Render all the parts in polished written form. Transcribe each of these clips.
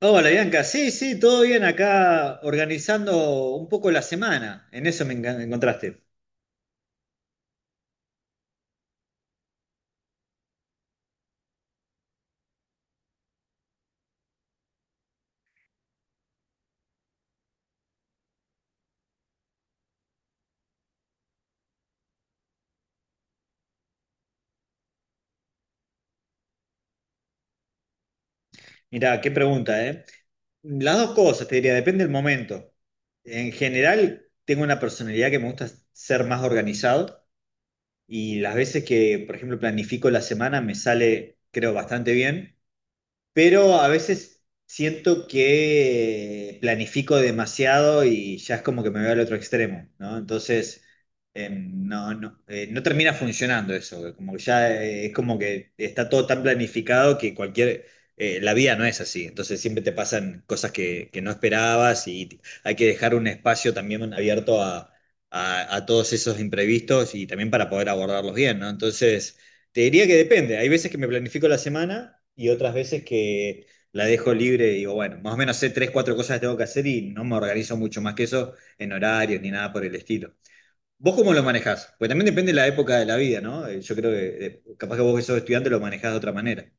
Hola Bianca, sí, sí, todo bien acá organizando un poco la semana, en eso me encontraste. Mirá, qué pregunta, ¿eh? Las dos cosas, te diría, depende del momento. En general, tengo una personalidad que me gusta ser más organizado y las veces que, por ejemplo, planifico la semana me sale, creo, bastante bien. Pero a veces siento que planifico demasiado y ya es como que me voy al otro extremo, ¿no? Entonces, no, no, no termina funcionando eso, como que ya es como que está todo tan planificado que cualquier. La vida no es así, entonces siempre te pasan cosas que no esperabas y hay que dejar un espacio también abierto a, a todos esos imprevistos y también para poder abordarlos bien, ¿no? Entonces. Te diría que depende. Hay veces que me planifico la semana y otras veces que la dejo libre y digo, bueno, más o menos sé tres, cuatro cosas que tengo que hacer y no me organizo mucho más que eso en horarios ni nada por el estilo. ¿Vos cómo lo manejás? Pues también depende de la época de la vida, ¿no? Yo creo que capaz que vos que sos estudiante lo manejás de otra manera.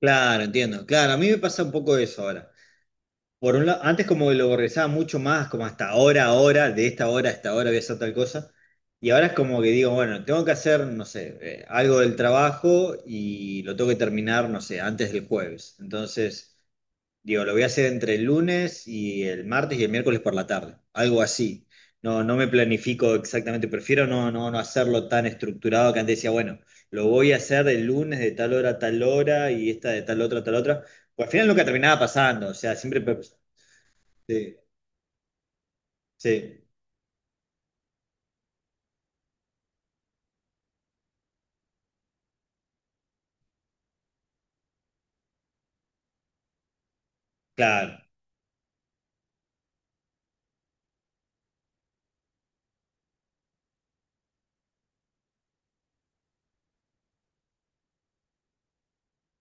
Claro, entiendo. Claro, a mí me pasa un poco eso ahora. Por un lado, antes como que lo organizaba mucho más, como hasta ahora, ahora, de esta hora a esta hora voy a hacer tal cosa. Y ahora es como que digo, bueno, tengo que hacer, no sé, algo del trabajo y lo tengo que terminar, no sé, antes del jueves. Entonces, digo, lo voy a hacer entre el lunes y el martes y el miércoles por la tarde, algo así. No, no me planifico exactamente, prefiero no, no, no hacerlo tan estructurado que antes decía, bueno, lo voy a hacer el lunes de tal hora a tal hora y esta de tal otra a tal otra. Pues al final nunca terminaba pasando, o sea, siempre pues. Sí, sí, claro.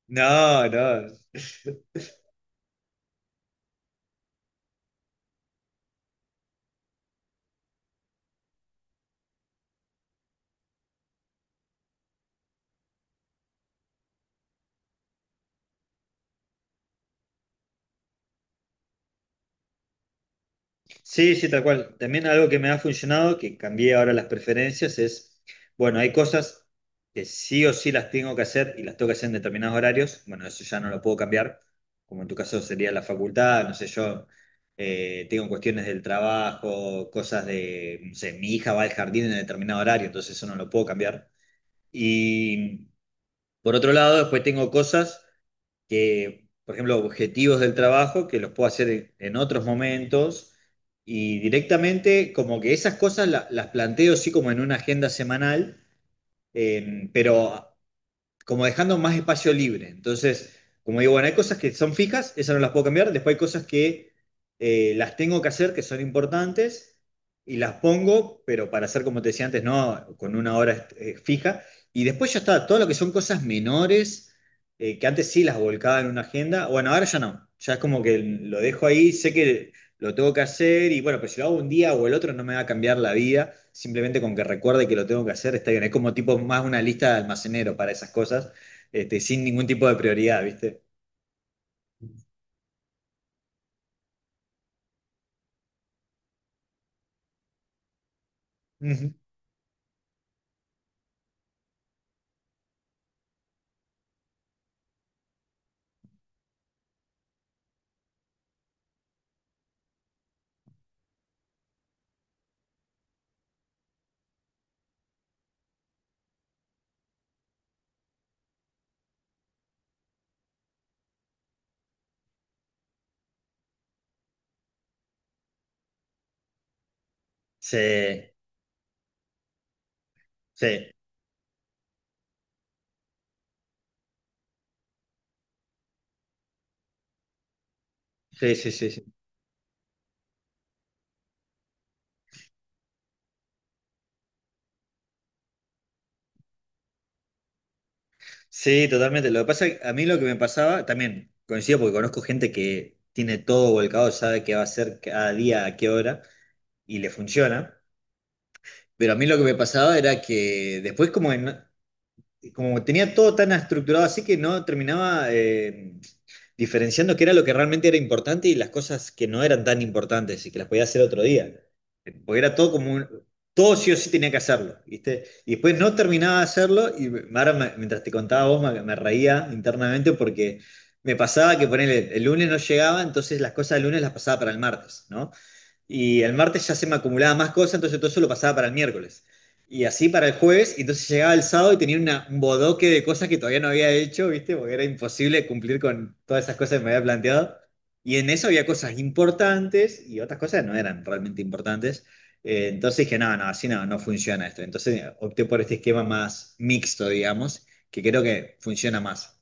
No, no. Sí, sí, tal cual. También algo que me ha funcionado, que cambié ahora las preferencias, es, bueno, hay cosas que sí o sí las tengo que hacer y las tengo que hacer en determinados horarios. Bueno, eso ya no lo puedo cambiar, como en tu caso sería la facultad, no sé, yo tengo cuestiones del trabajo, cosas de, no sé, mi hija va al jardín en determinado horario, entonces eso no lo puedo cambiar. Y por otro lado, después tengo cosas que, por ejemplo, objetivos del trabajo que los puedo hacer en otros momentos y directamente como que esas cosas las planteo sí como en una agenda semanal, pero como dejando más espacio libre. Entonces, como digo, bueno, hay cosas que son fijas, esas no las puedo cambiar, después hay cosas que las tengo que hacer, que son importantes, y las pongo, pero para hacer, como te decía antes, no, con una hora fija. Y después ya está, todo lo que son cosas menores, que antes sí las volcaba en una agenda, bueno, ahora ya no, ya es como que lo dejo ahí, sé que lo tengo que hacer y bueno, pero si lo hago un día o el otro no me va a cambiar la vida, simplemente con que recuerde que lo tengo que hacer está bien. Es como tipo más una lista de almacenero para esas cosas, este, sin ningún tipo de prioridad, ¿viste? Ujú. Sí, sí, sí, sí, sí, sí. Sí, totalmente. Lo que pasa, a mí lo que me pasaba, también coincido porque conozco gente que tiene todo volcado, sabe qué va a hacer cada día, a qué hora, y le funciona. Pero a mí lo que me pasaba era que después como en como tenía todo tan estructurado así que no terminaba diferenciando qué era lo que realmente era importante y las cosas que no eran tan importantes y que las podía hacer otro día. Porque era todo como todo sí o sí tenía que hacerlo, ¿viste? Y después no terminaba de hacerlo y ahora mientras te contaba vos me reía internamente porque me pasaba que ponele, el lunes no llegaba, entonces las cosas del lunes las pasaba para el martes, ¿no? Y el martes ya se me acumulaba más cosas, entonces todo eso lo pasaba para el miércoles. Y así para el jueves, y entonces llegaba el sábado y tenía un bodoque de cosas que todavía no había hecho, ¿viste? Porque era imposible cumplir con todas esas cosas que me había planteado. Y en eso había cosas importantes y otras cosas no eran realmente importantes. Entonces dije, no, no, así no, no funciona esto. Entonces opté por este esquema más mixto, digamos, que creo que funciona más.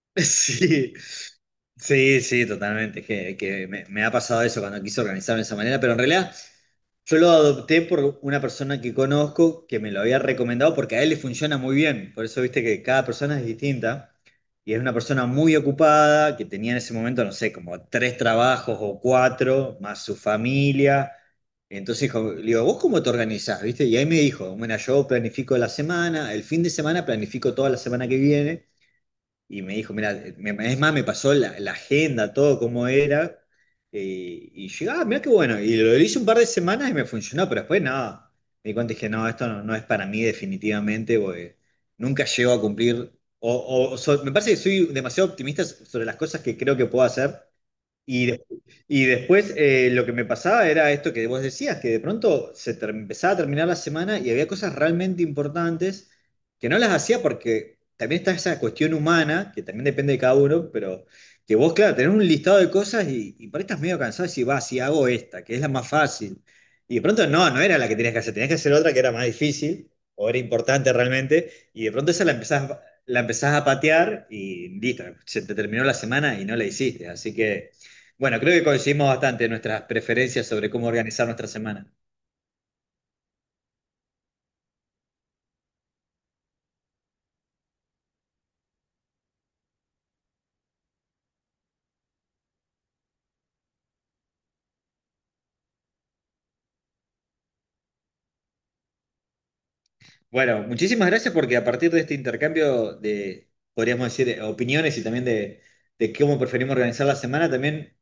Sí, sí, sí, totalmente. Es que me, ha pasado eso cuando quise organizarme de esa manera, pero en realidad yo lo adopté por una persona que conozco que me lo había recomendado porque a él le funciona muy bien. Por eso viste que cada persona es distinta y es una persona muy ocupada que tenía en ese momento, no sé, como tres trabajos o cuatro, más su familia. Entonces dijo, le digo, ¿vos cómo te organizás? ¿Viste? Y ahí me dijo, bueno, yo planifico la semana, el fin de semana planifico toda la semana que viene y me dijo, mira, es más, me pasó la, la agenda, todo cómo era, y yo, ah, mira qué bueno, y lo hice un par de semanas y me funcionó, pero después nada me di cuenta y dije, no, esto no, no es para mí definitivamente, porque nunca llego a cumplir, me parece que soy demasiado optimista sobre las cosas que creo que puedo hacer, y, de- y después lo que me pasaba era esto que vos decías, que de pronto empezaba a terminar la semana y había cosas realmente importantes que no las hacía porque también está esa cuestión humana, que también depende de cada uno, pero que vos, claro, tenés un listado de cosas y por ahí estás medio cansado y decís, va, si hago esta, que es la más fácil. Y de pronto no, no era la que tenías que hacer otra que era más difícil o era importante realmente, y de pronto esa la empezás a patear y listo, se te terminó la semana y no la hiciste. Así que. Bueno, creo que coincidimos bastante en nuestras preferencias sobre cómo organizar nuestra semana. Bueno, muchísimas gracias porque a partir de este intercambio de, podríamos decir, opiniones y también de cómo preferimos organizar la semana, también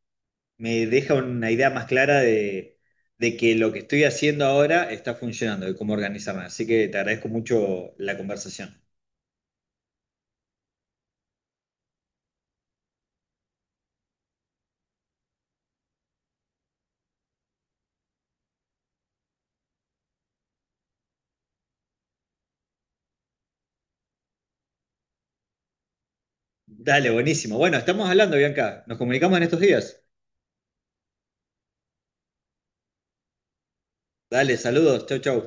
me deja una idea más clara de que lo que estoy haciendo ahora está funcionando, de cómo organizarme. Así que te agradezco mucho la conversación. Dale, buenísimo. Bueno, estamos hablando, Bianca. Nos comunicamos en estos días. Dale, saludos. Chau, chau.